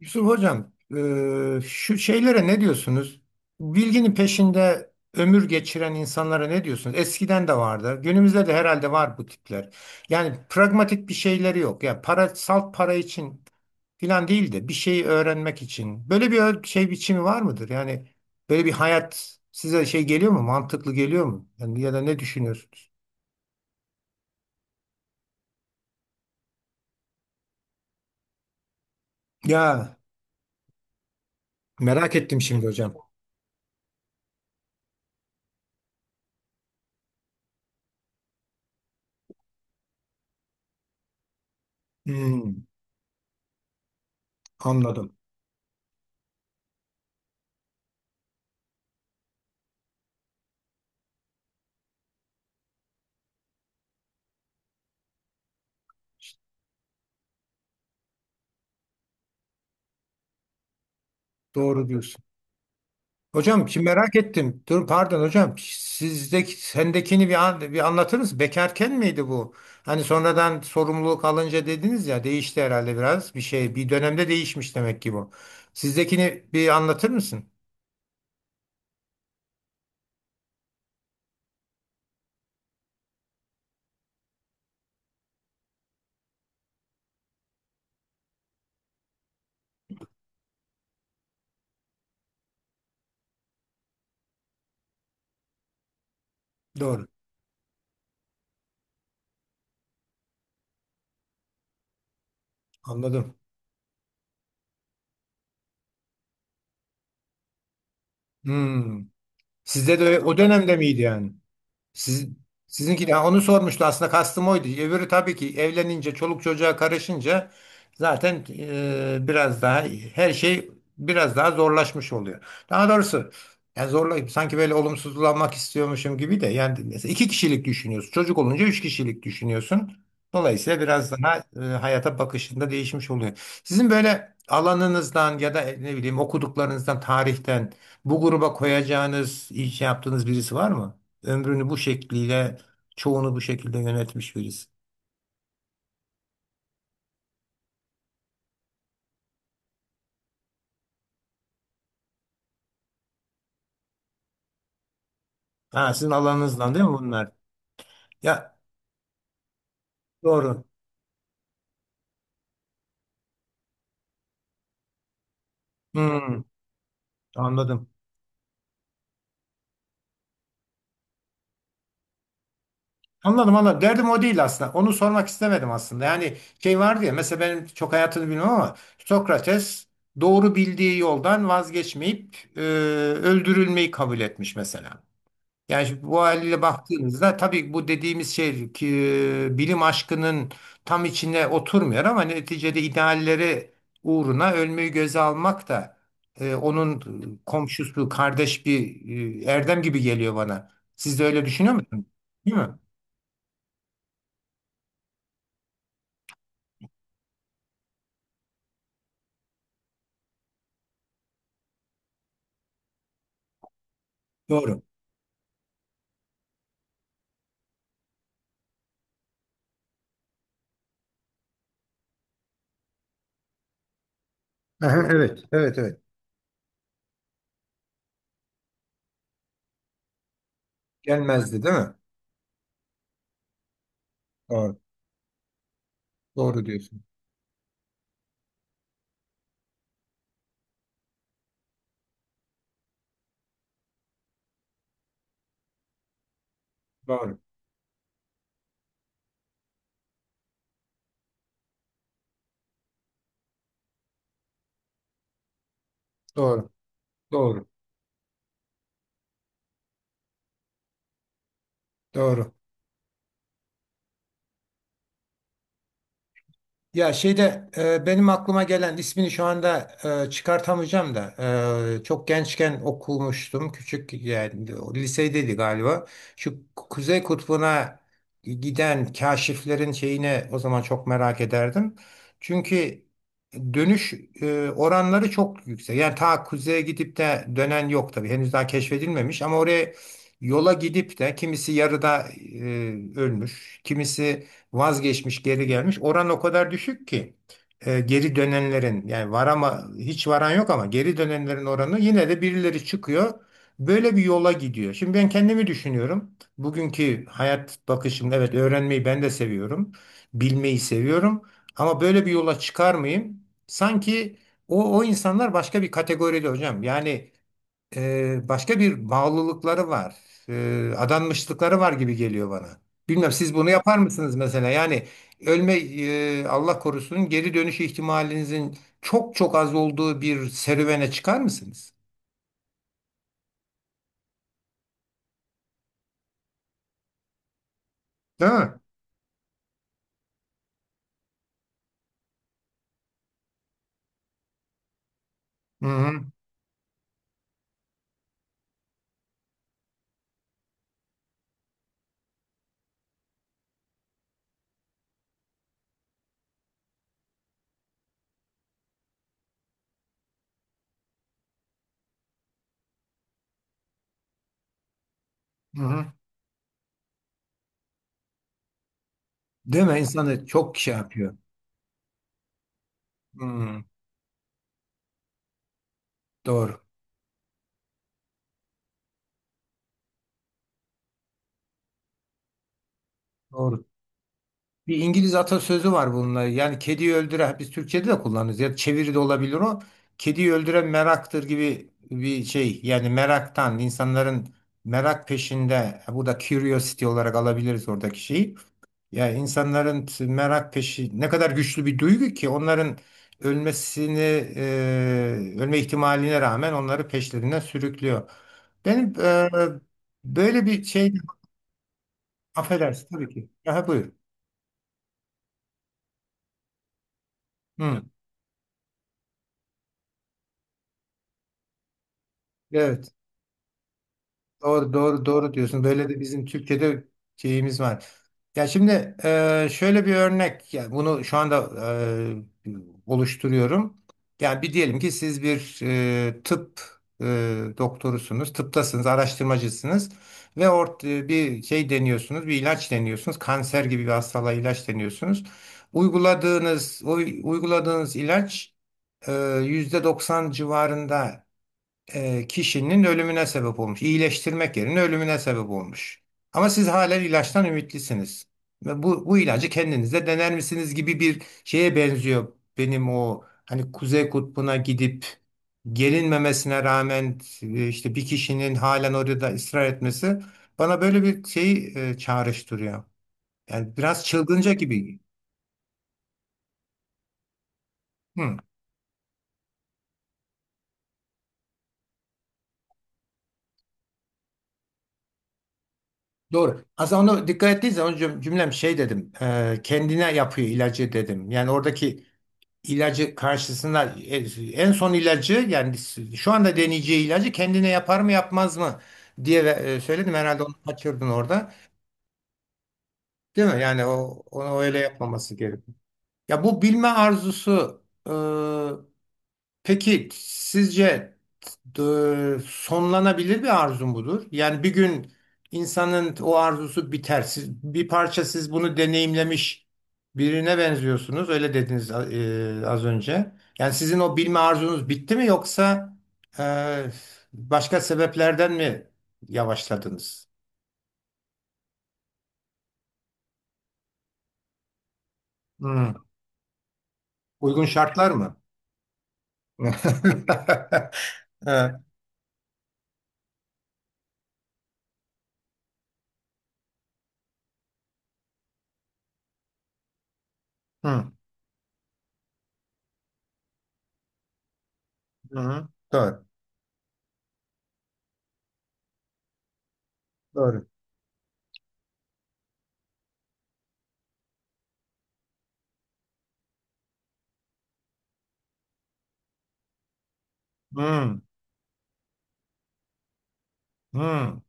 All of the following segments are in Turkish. Yusuf Hocam, şu şeylere ne diyorsunuz? Bilginin peşinde ömür geçiren insanlara ne diyorsunuz? Eskiden de vardı. Günümüzde de herhalde var bu tipler. Yani pragmatik bir şeyleri yok. Ya para, salt para için filan değil de bir şeyi öğrenmek için. Böyle bir şey biçimi var mıdır? Yani böyle bir hayat size şey geliyor mu? Mantıklı geliyor mu? Yani ya da ne düşünüyorsunuz? Ya, merak ettim şimdi hocam. Hmm, anladım. Doğru diyorsun. Hocam şimdi merak ettim. Dur pardon hocam. Sizdeki sendekini bir anlatır mısın? Bekarken miydi bu? Hani sonradan sorumluluk alınca dediniz ya değişti herhalde biraz bir şey. Bir dönemde değişmiş demek ki bu. Sizdekini bir anlatır mısın? Doğru. Anladım. Hmm. Sizde de o dönemde miydi yani? Siz, sizinki de onu sormuştu, aslında kastım oydu. Öbürü tabii ki evlenince çoluk çocuğa karışınca zaten biraz daha her şey biraz daha zorlaşmış oluyor. Daha doğrusu yani zorlayıp sanki böyle olumsuzlanmak istiyormuşum gibi de yani mesela iki kişilik düşünüyorsun. Çocuk olunca üç kişilik düşünüyorsun. Dolayısıyla biraz daha hayata bakışında değişmiş oluyor. Sizin böyle alanınızdan ya da ne bileyim okuduklarınızdan, tarihten bu gruba koyacağınız, iş yaptığınız birisi var mı? Ömrünü bu şekliyle, çoğunu bu şekilde yönetmiş birisi. Ha, sizin alanınızdan değil mi bunlar? Ya doğru. Hmm, anladım. Anladım, anladım. Derdim o değil aslında. Onu sormak istemedim aslında. Yani şey vardı ya, mesela benim çok hayatını bilmem ama Sokrates doğru bildiği yoldan vazgeçmeyip öldürülmeyi kabul etmiş mesela. Yani şimdi bu haliyle baktığımızda tabii bu dediğimiz şey ki bilim aşkının tam içine oturmuyor ama neticede idealleri uğruna ölmeyi göze almak da onun komşusu, kardeş bir erdem gibi geliyor bana. Siz de öyle düşünüyor musunuz? Değil mi? Doğru. Aha, evet, evet, evet. Gelmezdi, değil mi? Doğru. Doğru diyorsun. Doğru. Doğru. Doğru. Doğru. Ya şeyde benim aklıma gelen ismini şu anda çıkartamayacağım da çok gençken okumuştum. Küçük, yani o lisedeydi galiba. Şu Kuzey Kutbu'na giden kaşiflerin şeyine o zaman çok merak ederdim. Çünkü dönüş oranları çok yüksek. Yani ta kuzeye gidip de dönen yok tabii. Henüz daha keşfedilmemiş ama oraya yola gidip de kimisi yarıda ölmüş, kimisi vazgeçmiş geri gelmiş. Oran o kadar düşük ki geri dönenlerin, yani var ama hiç varan yok, ama geri dönenlerin oranı yine de birileri çıkıyor. Böyle bir yola gidiyor. Şimdi ben kendimi düşünüyorum. Bugünkü hayat bakışım, evet, öğrenmeyi ben de seviyorum. Bilmeyi seviyorum. Ama böyle bir yola çıkar mıyım? Sanki o insanlar başka bir kategoride hocam. Yani başka bir bağlılıkları var. Adanmışlıkları var gibi geliyor bana. Bilmem siz bunu yapar mısınız mesela? Yani ölme, Allah korusun, geri dönüş ihtimalinizin çok çok az olduğu bir serüvene çıkar mısınız? Değil mi? Hı hı. Hı hı. Değil mi? İnsanı çok şey yapıyor. Hı, doğru. Doğru. Bir İngiliz atasözü var bununla. Yani kediyi öldüren, biz Türkçe'de de kullanırız. Ya çeviri de olabilir o. Kediyi öldüren meraktır gibi bir şey. Yani meraktan insanların merak peşinde, bu da curiosity olarak alabiliriz oradaki şeyi. Ya insanların merak peşi ne kadar güçlü bir duygu ki onların ölmesini, ölme ihtimaline rağmen onları peşlerinden sürüklüyor. Benim böyle bir şey. Affedersin tabii ki. Aha buyur. Hı, evet. Doğru, doğru, doğru diyorsun. Böyle de bizim Türkiye'de şeyimiz var. Ya şimdi şöyle bir örnek, ya bunu şu anda e, oluşturuyorum. Yani bir diyelim ki siz bir tıp e, doktorusunuz, tıptasınız, araştırmacısınız ve bir şey deniyorsunuz, bir ilaç deniyorsunuz, kanser gibi bir hastalığa ilaç deniyorsunuz. O uyguladığınız ilaç e, %90 civarında kişinin ölümüne sebep olmuş. İyileştirmek yerine ölümüne sebep olmuş. Ama siz hala ilaçtan ümitlisiniz. Ve bu ilacı kendinize dener misiniz gibi bir şeye benziyor. Benim o hani Kuzey Kutbu'na gidip gelinmemesine rağmen işte bir kişinin halen orada ısrar etmesi bana böyle bir şeyi çağrıştırıyor. Yani biraz çılgınca gibi. Hı, doğru. Aslında onu dikkat ettiğiniz zaman cümlem şey dedim. Kendine yapıyor ilacı dedim. Yani oradaki ilacı karşısında en son ilacı, yani şu anda deneyeceği ilacı kendine yapar mı yapmaz mı diye söyledim, herhalde onu kaçırdın orada, değil mi? Yani o onu öyle yapmaması gerekiyor. Ya bu bilme arzusu. Peki sizce sonlanabilir bir arzu mudur? Yani bir gün insanın o arzusu biter. Bir parça siz bunu deneyimlemiş birine benziyorsunuz. Öyle dediniz az önce. Yani sizin o bilme arzunuz bitti mi, yoksa e, başka sebeplerden mi yavaşladınız? Hmm. Uygun şartlar mı? Evet. Hı. Hı. Doğru. Doğru. Hı. Hı.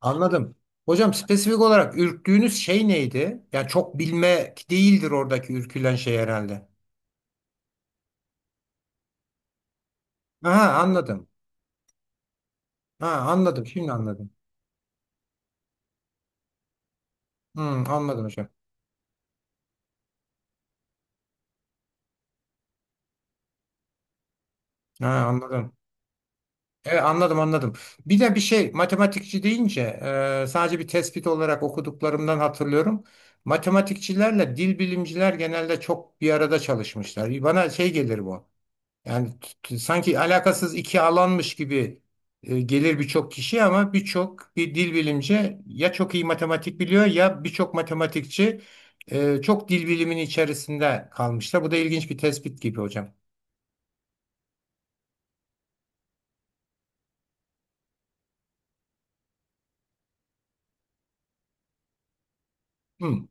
Anladım. Hocam, spesifik olarak ürktüğünüz şey neydi? Yani çok bilmek değildir oradaki ürkülen şey herhalde. Ha, anladım. Ha, anladım. Şimdi anladım. Hı, anladım hocam. Ha, anladım. Evet, anladım, anladım. Bir de bir şey, matematikçi deyince sadece bir tespit olarak okuduklarımdan hatırlıyorum. Matematikçilerle dil bilimciler genelde çok bir arada çalışmışlar. Bana şey gelir bu. Yani sanki alakasız iki alanmış gibi gelir birçok kişi ama birçok bir dil bilimci ya çok iyi matematik biliyor ya birçok matematikçi çok dil bilimin içerisinde kalmışlar. Bu da ilginç bir tespit gibi hocam. Hı,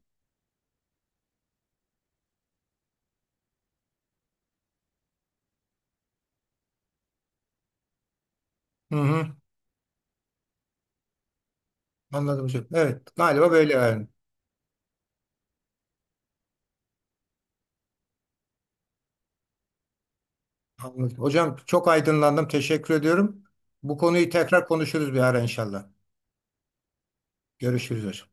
hı, hı. Anladım hocam. Evet, galiba böyle yani. Anladım. Hocam, çok aydınlandım. Teşekkür ediyorum. Bu konuyu tekrar konuşuruz bir ara inşallah. Görüşürüz hocam.